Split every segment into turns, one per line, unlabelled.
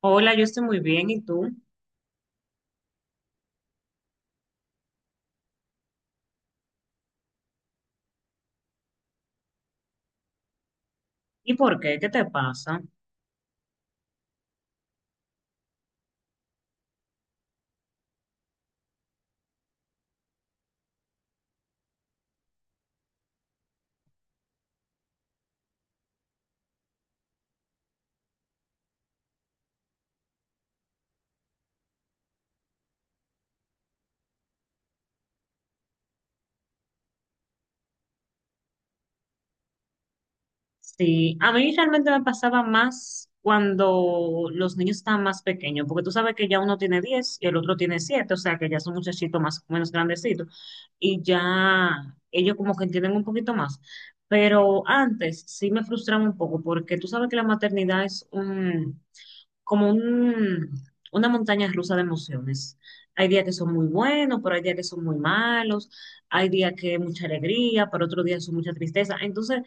Hola, yo estoy muy bien, ¿y tú? ¿Y por qué? ¿Qué te pasa? Sí, a mí realmente me pasaba más cuando los niños estaban más pequeños, porque tú sabes que ya uno tiene 10 y el otro tiene 7, o sea que ya son muchachitos más o menos grandecitos y ya ellos como que entienden un poquito más. Pero antes sí me frustraba un poco porque tú sabes que la maternidad es como una montaña rusa de emociones. Hay días que son muy buenos, pero hay días que son muy malos, hay días que hay mucha alegría, pero otros días son mucha tristeza. Entonces,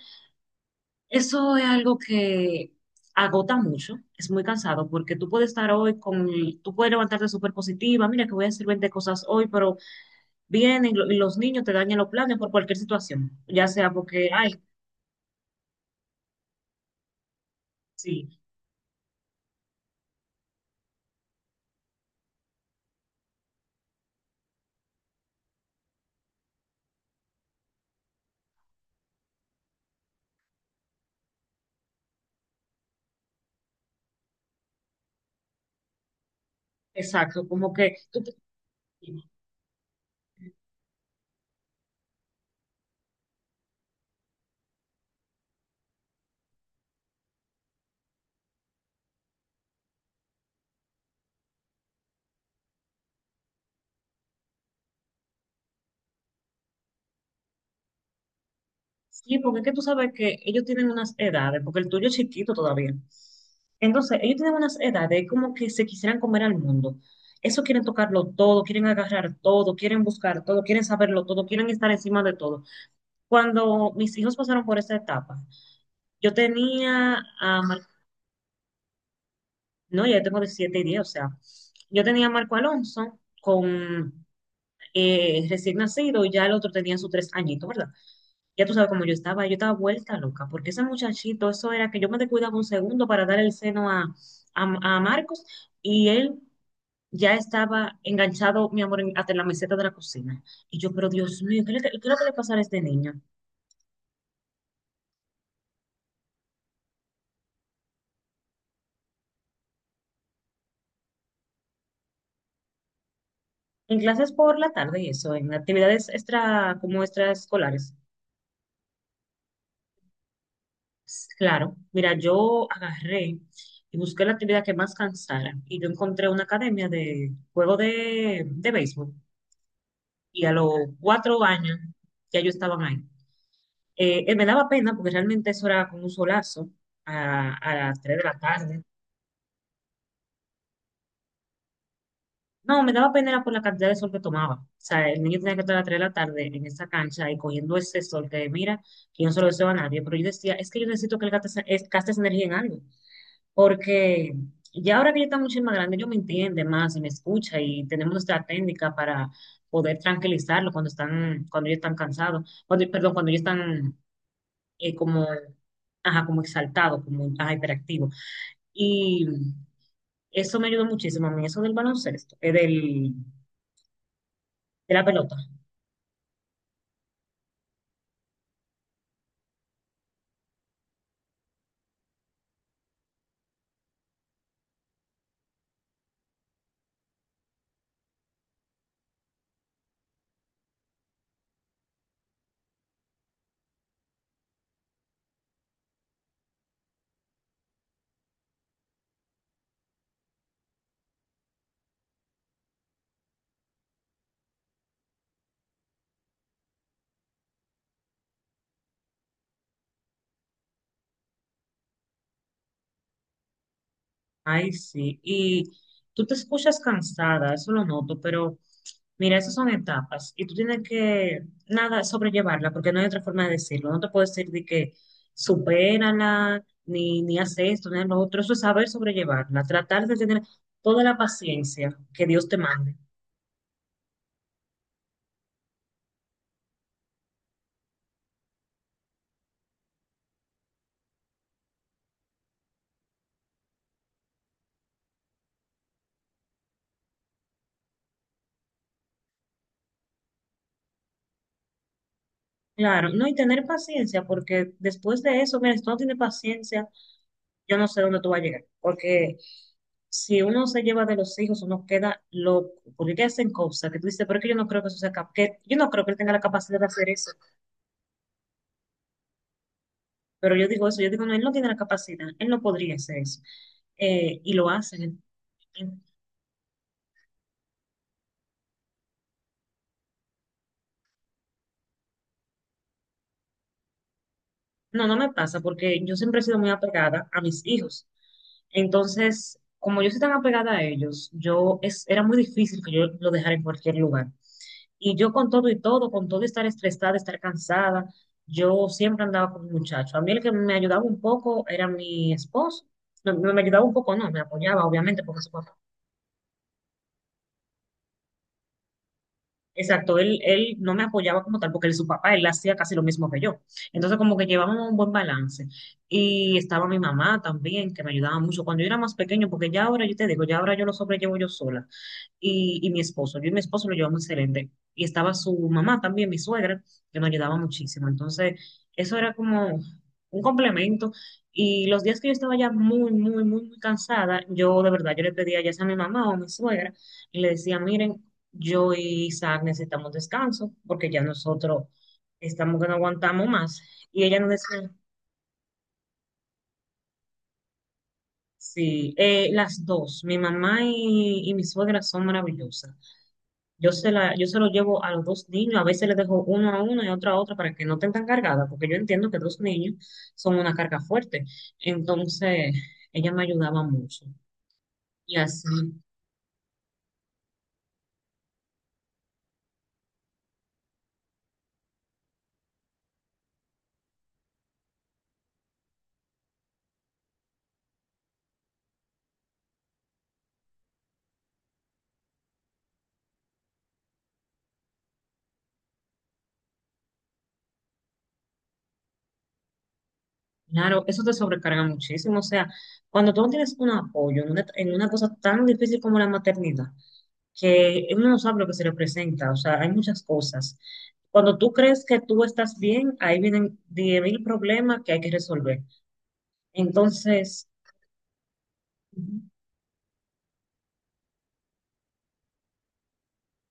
eso es algo que agota mucho, es muy cansado, porque tú puedes estar hoy con, tú puedes levantarte súper positiva, mira que voy a hacer 20 cosas hoy, pero vienen y los niños te dañan los planes por cualquier situación, ya sea porque, ay, sí, exacto, como que... tú, sí, porque es que tú sabes que ellos tienen unas edades, porque el tuyo es chiquito todavía. Entonces, ellos tienen unas edades como que se quisieran comer al mundo. Eso quieren tocarlo todo, quieren agarrar todo, quieren buscar todo, quieren saberlo todo, quieren estar encima de todo. Cuando mis hijos pasaron por esta etapa, yo tenía a Mar- no, ya tengo de 7 y 10, o sea, yo tenía a Marco Alonso con recién nacido, y ya el otro tenía sus 3 añitos, ¿verdad? Ya tú sabes cómo yo estaba vuelta loca, porque ese muchachito, eso era que yo me descuidaba un segundo para dar el seno a Marcos y él ya estaba enganchado, mi amor, hasta en la meseta de la cocina. Y yo, pero Dios mío, ¿qué es lo que le pasará a este niño? En clases por la tarde y eso, en actividades extra, como extraescolares. Claro, mira, yo agarré y busqué la actividad que más cansara y yo encontré una academia de juego de béisbol y a los 4 años ya yo estaba ahí. Me daba pena porque realmente eso era con un solazo a las 3 de la tarde. No, me daba pena era por la cantidad de sol que tomaba. O sea, el niño tenía que estar a las 3 de la tarde en esa cancha y cogiendo ese sol que mira, que yo no se lo deseo a nadie, pero yo decía, es que yo necesito que él gaste, gaste esa energía en algo. Porque ya ahora que yo está mucho más grande, ellos me entienden más y me escucha y tenemos nuestra técnica para poder tranquilizarlo cuando están, cuando ellos están cansados, cuando, perdón, cuando ellos están como, ajá, como exaltados, como ajá, hiperactivos. Y eso me ayudó muchísimo a mí, eso del baloncesto, de la pelota. Ay, sí. Y tú te escuchas cansada, eso lo noto, pero mira, esas son etapas y tú tienes que, nada, sobrellevarla, porque no hay otra forma de decirlo. No te puedo decir de que supérala, ni haz esto, ni haz lo otro. Eso es saber sobrellevarla, tratar de tener toda la paciencia que Dios te mande. Claro, no, y tener paciencia, porque después de eso, mira, si tú no tienes paciencia, yo no sé dónde tú vas a llegar, porque si uno se lleva de los hijos, uno queda loco, porque que hacen cosas que tú dices, pero es que yo no creo que eso que yo no creo que él tenga la capacidad de hacer eso, pero yo digo eso, yo digo, no, él no tiene la capacidad, él no podría hacer eso. Y lo hacen. No, no me pasa, porque yo siempre he sido muy apegada a mis hijos, entonces, como yo soy tan apegada a ellos, era muy difícil que yo lo dejara en cualquier lugar. Y yo con todo y todo, con todo y estar estresada, estar cansada, yo siempre andaba con un muchacho. A mí el que me ayudaba un poco era mi esposo. No, no me ayudaba un poco, no, me apoyaba, obviamente, porque su papá. Exacto, él no me apoyaba como tal, porque él, su papá, él hacía casi lo mismo que yo. Entonces, como que llevábamos un buen balance. Y estaba mi mamá también, que me ayudaba mucho cuando yo era más pequeño, porque ya ahora, yo te digo, ya ahora yo lo sobrellevo yo sola. Y mi esposo. Yo y mi esposo lo llevamos excelente. Y estaba su mamá también, mi suegra, que nos ayudaba muchísimo. Entonces, eso era como un complemento. Y los días que yo estaba ya muy, muy, muy, muy cansada, yo de verdad, yo le pedía ya sea a mi mamá o a mi suegra, y le decía, miren, yo y Isaac necesitamos descanso, porque ya nosotros estamos que no aguantamos más. Y ella nos decía, sí, las dos, mi mamá y mi suegra son maravillosas. Yo se lo llevo a los dos niños, a veces les dejo uno a uno y otro a otro para que no estén tan cargadas, porque yo entiendo que dos niños son una carga fuerte. Entonces, ella me ayudaba mucho. Y así, claro, eso te sobrecarga muchísimo. O sea, cuando tú no tienes un apoyo en una cosa tan difícil como la maternidad, que uno no sabe lo que se le presenta, o sea, hay muchas cosas. Cuando tú crees que tú estás bien, ahí vienen 10 mil problemas que hay que resolver. Entonces...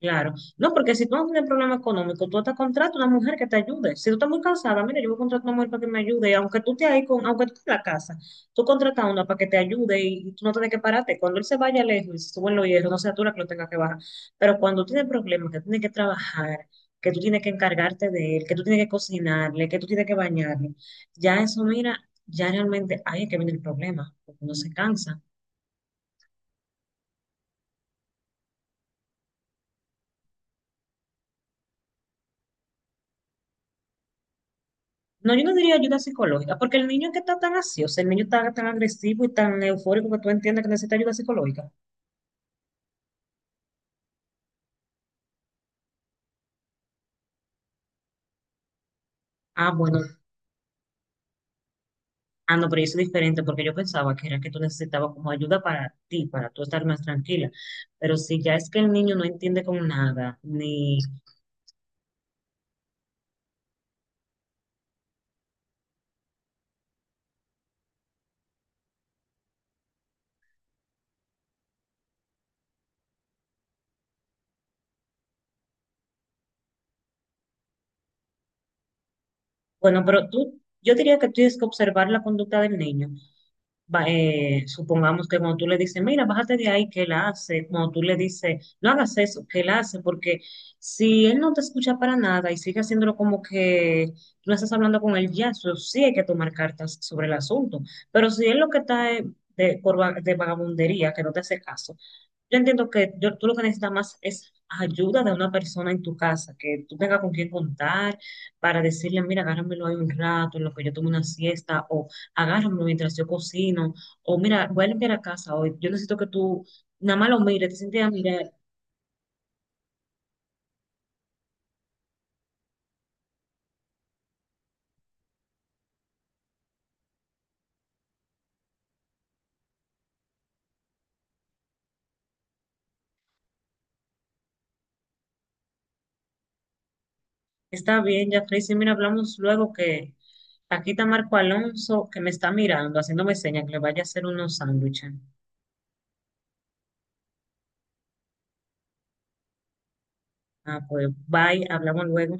Claro. No, porque si tú no tienes problema económico, tú hasta contratas una mujer que te ayude. Si tú estás muy cansada, mira, yo voy a contratar una mujer para que me ayude. Aunque tú te ahí con, aunque tú estés en la casa, tú contratas a una para que te ayude y tú no tienes que pararte. Cuando él se vaya lejos y se suben los hierros, no sea tú la que lo tenga que bajar. Pero cuando tienes problemas, que tienes que trabajar, que tú tienes que encargarte de él, que tú tienes que cocinarle, que tú tienes que bañarle, ya eso, mira, ya realmente ahí es que viene el problema, porque uno se cansa. No, yo no diría ayuda psicológica, porque el niño que está tan así, o sea, el niño está tan agresivo y tan eufórico que tú entiendes que necesita ayuda psicológica. Ah, bueno, ah, no, pero eso es diferente, porque yo pensaba que era que tú necesitabas como ayuda para ti, para tú estar más tranquila. Pero si ya es que el niño no entiende con nada, ni... Bueno, pero tú, yo diría que tienes que observar la conducta del niño supongamos que cuando tú le dices, mira, bájate de ahí, que él hace, cuando tú le dices, no hagas eso, que él hace, porque si él no te escucha para nada y sigue haciéndolo como que tú no estás hablando con él ya, eso sí hay que tomar cartas sobre el asunto. Pero si él lo que está es de vagabundería, que no te hace caso, yo entiendo que tú lo que necesitas más es ayuda de una persona en tu casa, que tú tengas con quién contar para decirle, mira, agárramelo ahí un rato en lo que yo tomo una siesta, o agárramelo mientras yo cocino, o mira, voy a limpiar la casa hoy, yo necesito que tú nada más lo mires, te sientes, "Ah, mira, está bien, ya Tracy, mira, hablamos luego que aquí está Marco Alonso que me está mirando, haciéndome señas que le vaya a hacer unos sándwiches. Ah, pues bye, hablamos luego.